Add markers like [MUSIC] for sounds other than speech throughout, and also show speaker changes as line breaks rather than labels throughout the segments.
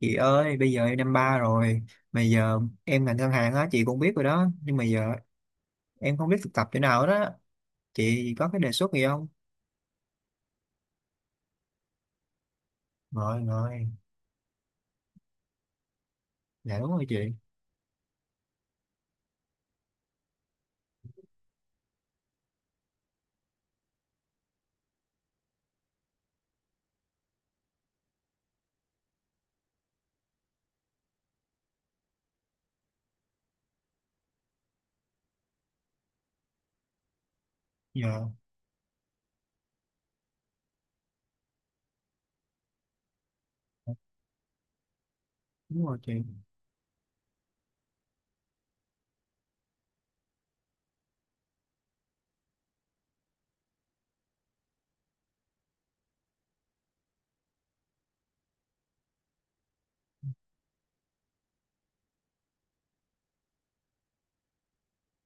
Chị ơi, bây giờ em năm ba rồi, mà giờ em ngành ngân hàng á, chị cũng biết rồi đó, nhưng mà giờ em không biết thực tập chỗ nào đó. Chị có cái đề xuất gì không? Rồi rồi. Dạ đúng rồi chị. Dạ đúng rồi chị.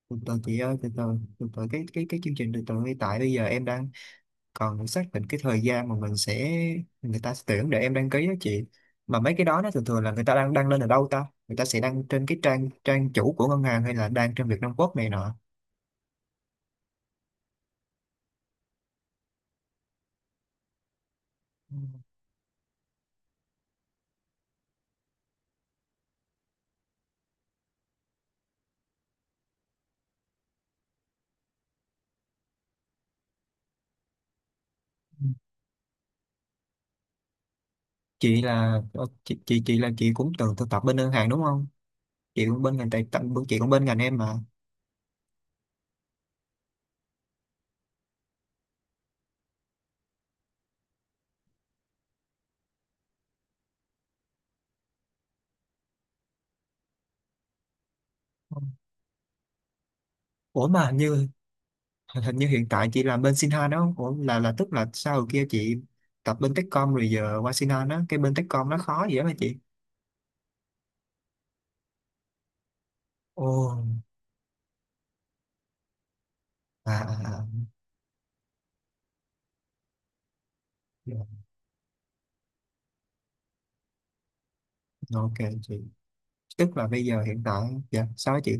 Từ từ chị ơi, từ từ. Từ từ, cái chương trình, từ từ, hiện tại bây giờ em đang còn xác định cái thời gian mà mình sẽ, người ta sẽ tuyển để em đăng ký đó chị. Mà mấy cái đó nó thường thường là người ta đang đăng lên ở đâu ta? Người ta sẽ đăng trên cái trang trang chủ của ngân hàng hay là đăng trên Việt Nam Quốc này nọ? Ừ. Chị là chị là chị cũng từng thực tập bên ngân hàng đúng không? Chị cũng bên ngành tài tận, chị cũng bên ngành em mà. Ủa mà hình như, hình như hiện tại chị làm bên Sinhan đó không? Ủa là, tức là sau hồi kia chị tập bên Techcom rồi giờ qua Sinhan á, cái bên Techcom nó khó gì đó mà chị? Ồ. À, à, à. Dạ. Ok chị. Tức là bây giờ hiện tại, dạ sao á chị?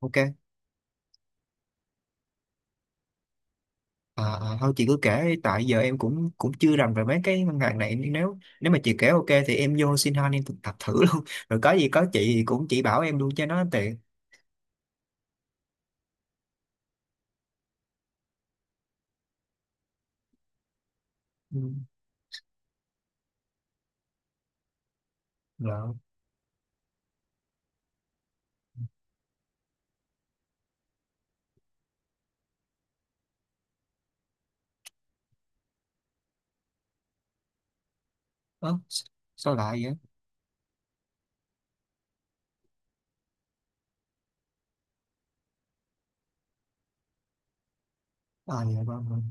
Ok. À, à, thôi chị cứ kể đi, tại giờ em cũng cũng chưa rành về mấy cái ngân hàng này, nên nếu, nếu mà chị kể ok thì em vô xin han em thực tập thử luôn [LAUGHS] rồi có gì có chị thì cũng chỉ bảo em luôn cho nó tiện. Ừ. Rồi. Ớ, sao lại vậy? À dạ vâng vâng.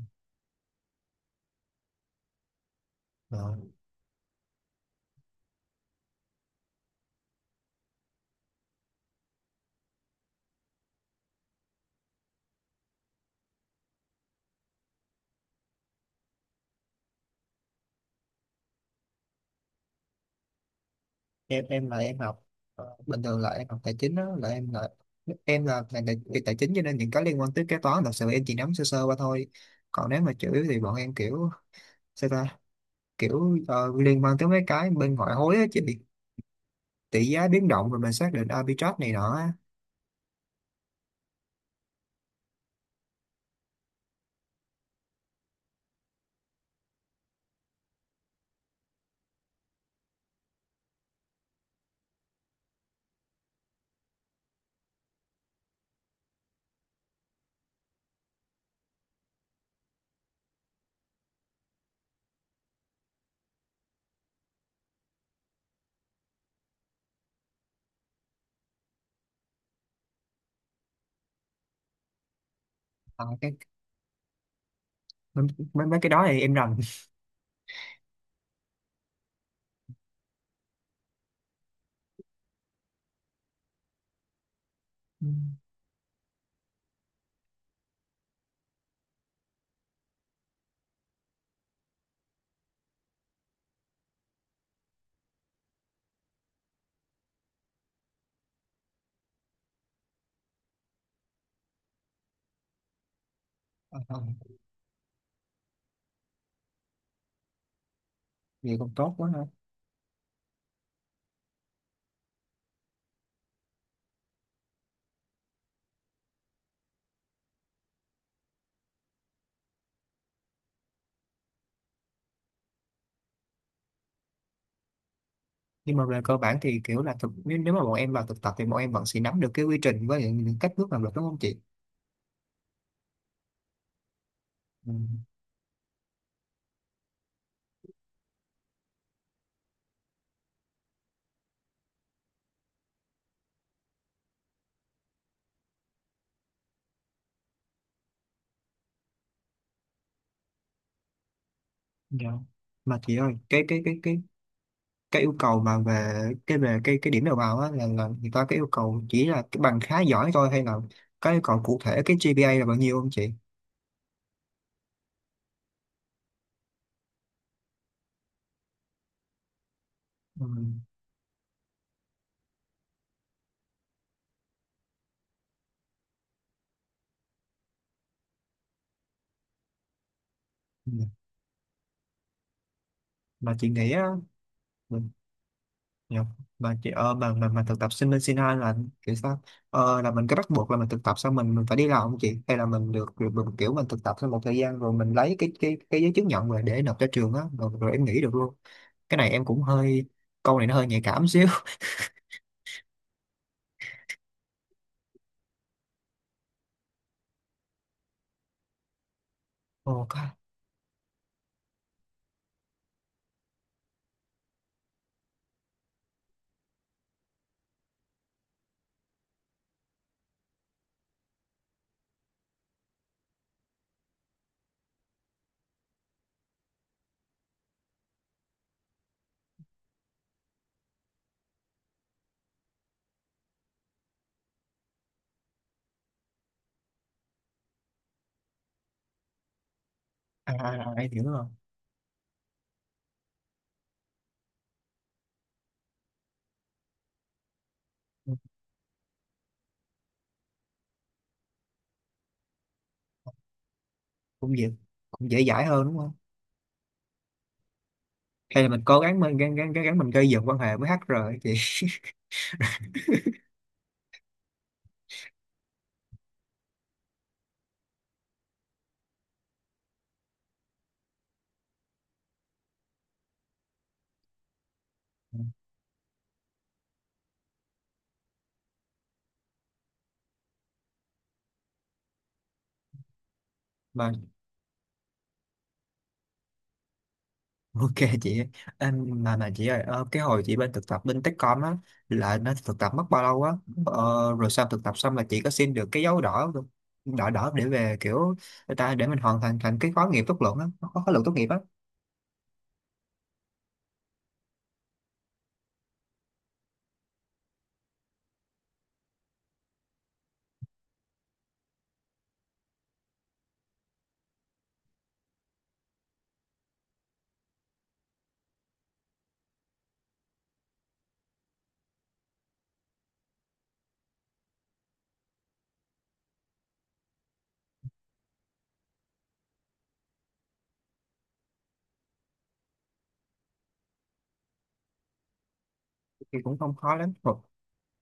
Rồi, em là em học, bình thường là em học tài chính đó, là em là, em là ngành tài, về tài chính, cho nên những cái liên quan tới kế toán thật sự em chỉ nắm sơ sơ qua thôi. Còn nếu mà chủ yếu thì bọn em kiểu, sao ta, kiểu liên quan tới mấy cái bên ngoại hối á chị. Tỷ giá biến động rồi mình xác định arbitrage này nọ á. Ờ, cái mấy, mấy cái đó thì em rành. Ừ. [LAUGHS] Ờ, ờ, vậy còn tốt quá ha. Nhưng mà về cơ bản thì kiểu là thực, nếu, nếu mà bọn em vào thực tập thì bọn em vẫn sẽ nắm được cái quy trình với những cách bước làm việc, đúng không chị? Ừ. Dạ. Mà chị ơi, cái cái yêu cầu mà về cái, về cái điểm đầu vào á là, người ta cái yêu cầu chỉ là cái bằng khá giỏi thôi, hay là có yêu cầu cụ thể cái GPA là bao nhiêu không chị? Ừ. Ừ. Mà chị nghĩ á. Dạ. Mà chị mà thực tập sinh bên Sinh Hai là kiểu sao, là mình có bắt buộc là mình thực tập xong mình phải đi làm không chị, hay là mình được được, được kiểu mình thực tập sau một thời gian rồi mình lấy cái giấy chứng nhận rồi để nộp cho trường á, rồi, rồi em nghỉ được luôn? Cái này em cũng hơi, câu này nó hơi nhạy cảm xíu. [LAUGHS] Ồ, có- à, à, à, em hiểu rồi. Ừ, cũng dễ, cũng dễ dãi hơn đúng không, hay là mình cố gắng mình gắng gắng, gắng gắng mình gây dựng quan hệ với HR ấy chị? [LAUGHS] Mà. Ok chị ơi. Em mà chị ơi cái hồi chị bên thực tập bên Techcom á là nó thực tập mất bao lâu á? ờ, Rồi sau thực tập xong là chị có xin được cái dấu đỏ không? Đỏ đỏ để về kiểu người ta để mình hoàn thành thành cái khóa nghiệm tốt luận á, khóa, khóa luận tốt nghiệp á? Thì cũng không khó lắm.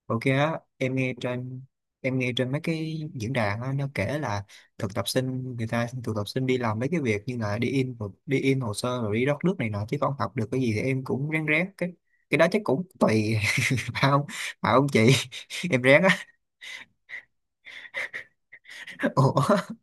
Ok á, em nghe trên, em nghe trên mấy cái diễn đàn á, nó kể là thực tập sinh, người ta thực tập sinh đi làm mấy cái việc như là đi in hồ sơ rồi đi rót nước này nọ chứ không học được cái gì, thì em cũng ráng ráng cái đó chắc cũng tùy. [LAUGHS] Phải không, phải không chị? [LAUGHS] Em ráng á. [LAUGHS] Ủa.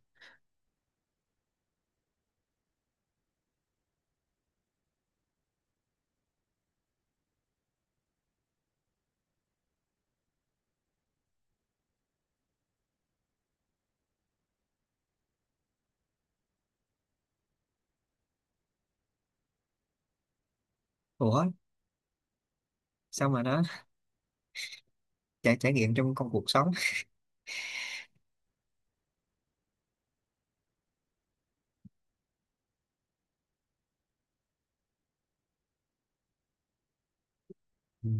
Ủa sao mà nó, trải, trải nghiệm trong công cuộc sống. Ừ.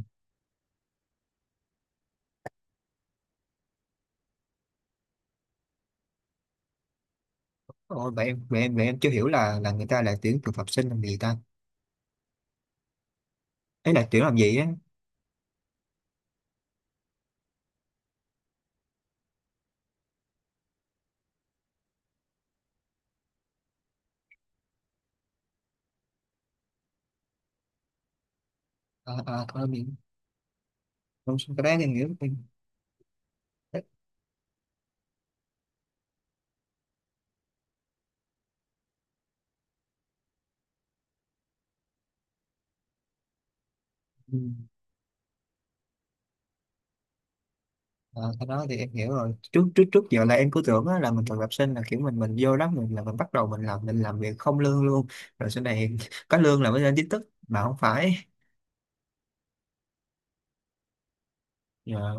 Ôi vậy em, vậy em, vậy em chưa hiểu là người ta lại tuyển thực tập sinh làm gì ta, ấy là tuyển làm gì á? À, à, thôi mình, không, cái đó em hiểu. Ừ. Ờ, cái đó thì em hiểu rồi. Trước, trước, trước giờ là em cứ tưởng á, là mình thực tập sinh là kiểu mình vô đó mình là mình bắt đầu mình làm, mình làm việc không lương luôn, rồi sau này [LAUGHS] có lương là mới lên chính thức, mà không phải. Dạ.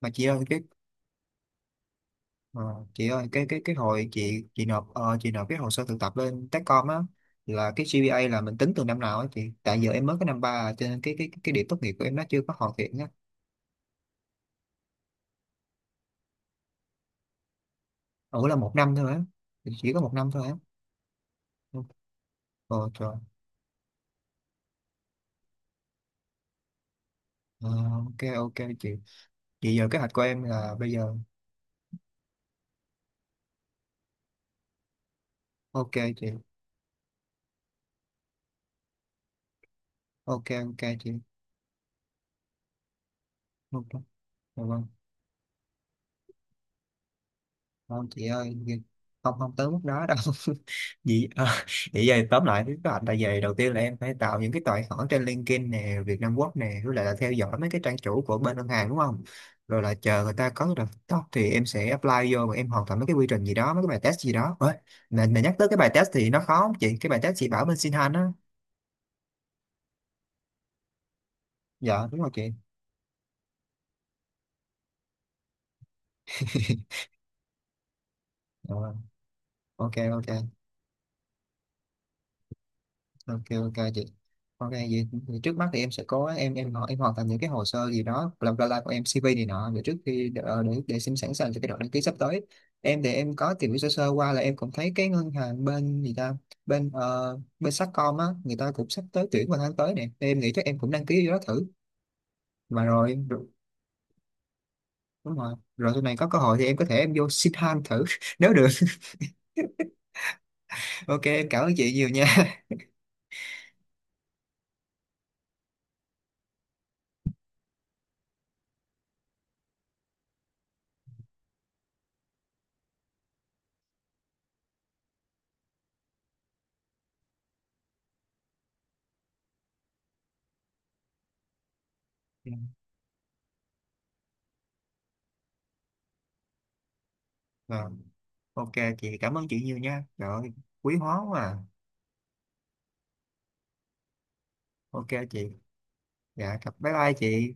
Mà chị ơi cái ờ, chị ơi cái hồi chị nộp chị nộp cái hồ sơ thực tập lên Techcom á là cái GPA là mình tính từ năm nào á chị? Tại giờ em mới có năm ba à, cho nên cái điểm tốt nghiệp của em nó chưa có hoàn thiện á. Ủa là một năm thôi á? Chỉ có một năm thôi á? Ồ trời. Ờ, ok ok chị. Vậy giờ kế hoạch của em là bây giờ, ok chị, ok ok chị, ok, dạ vâng. Không chị ơi, không không tới mức đó đâu. [LAUGHS] Vậy à, vậy giờ tóm lại với các bạn, tại vì đầu tiên là em phải tạo những cái tài khoản trên LinkedIn nè, Việt Nam Quốc nè, với lại là theo dõi mấy cái trang chủ của bên ngân hàng, đúng không? Rồi là chờ người ta có cái đợt top thì em sẽ apply vô và em hoàn thành mấy cái quy trình gì đó, mấy cái bài test gì đó. Ôi, mà nhắc tới cái bài test thì nó khó không chị, cái bài test chị bảo bên Sinhan á? Dạ đúng rồi chị. [LAUGHS] Dạ vâng. Ok ok. Ok ok chị. Ok vậy, vậy trước mắt thì em sẽ có, em họ, em hoàn thành những cái hồ sơ gì đó làm ra của em, CV này nọ, để trước khi để xem sẵn sàng cho cái đợt đăng ký sắp tới. Em thì em có tìm hiểu sơ sơ qua là em cũng thấy cái ngân hàng bên gì ta, bên bên Sacom á, người ta cũng sắp tới tuyển vào tháng tới nè, em nghĩ chắc em cũng đăng ký vô đó thử. Mà rồi rồi- đúng rồi, rồi sau này có cơ hội thì em có thể em vô xin han thử [LAUGHS] nếu được. Ok em cảm ơn chị nhiều nha. [LAUGHS] Dạ. Vâng, ok chị, cảm ơn chị nhiều nha. Trời ơi, quý hóa quá à. Ok chị. Dạ cảm- bye bye chị.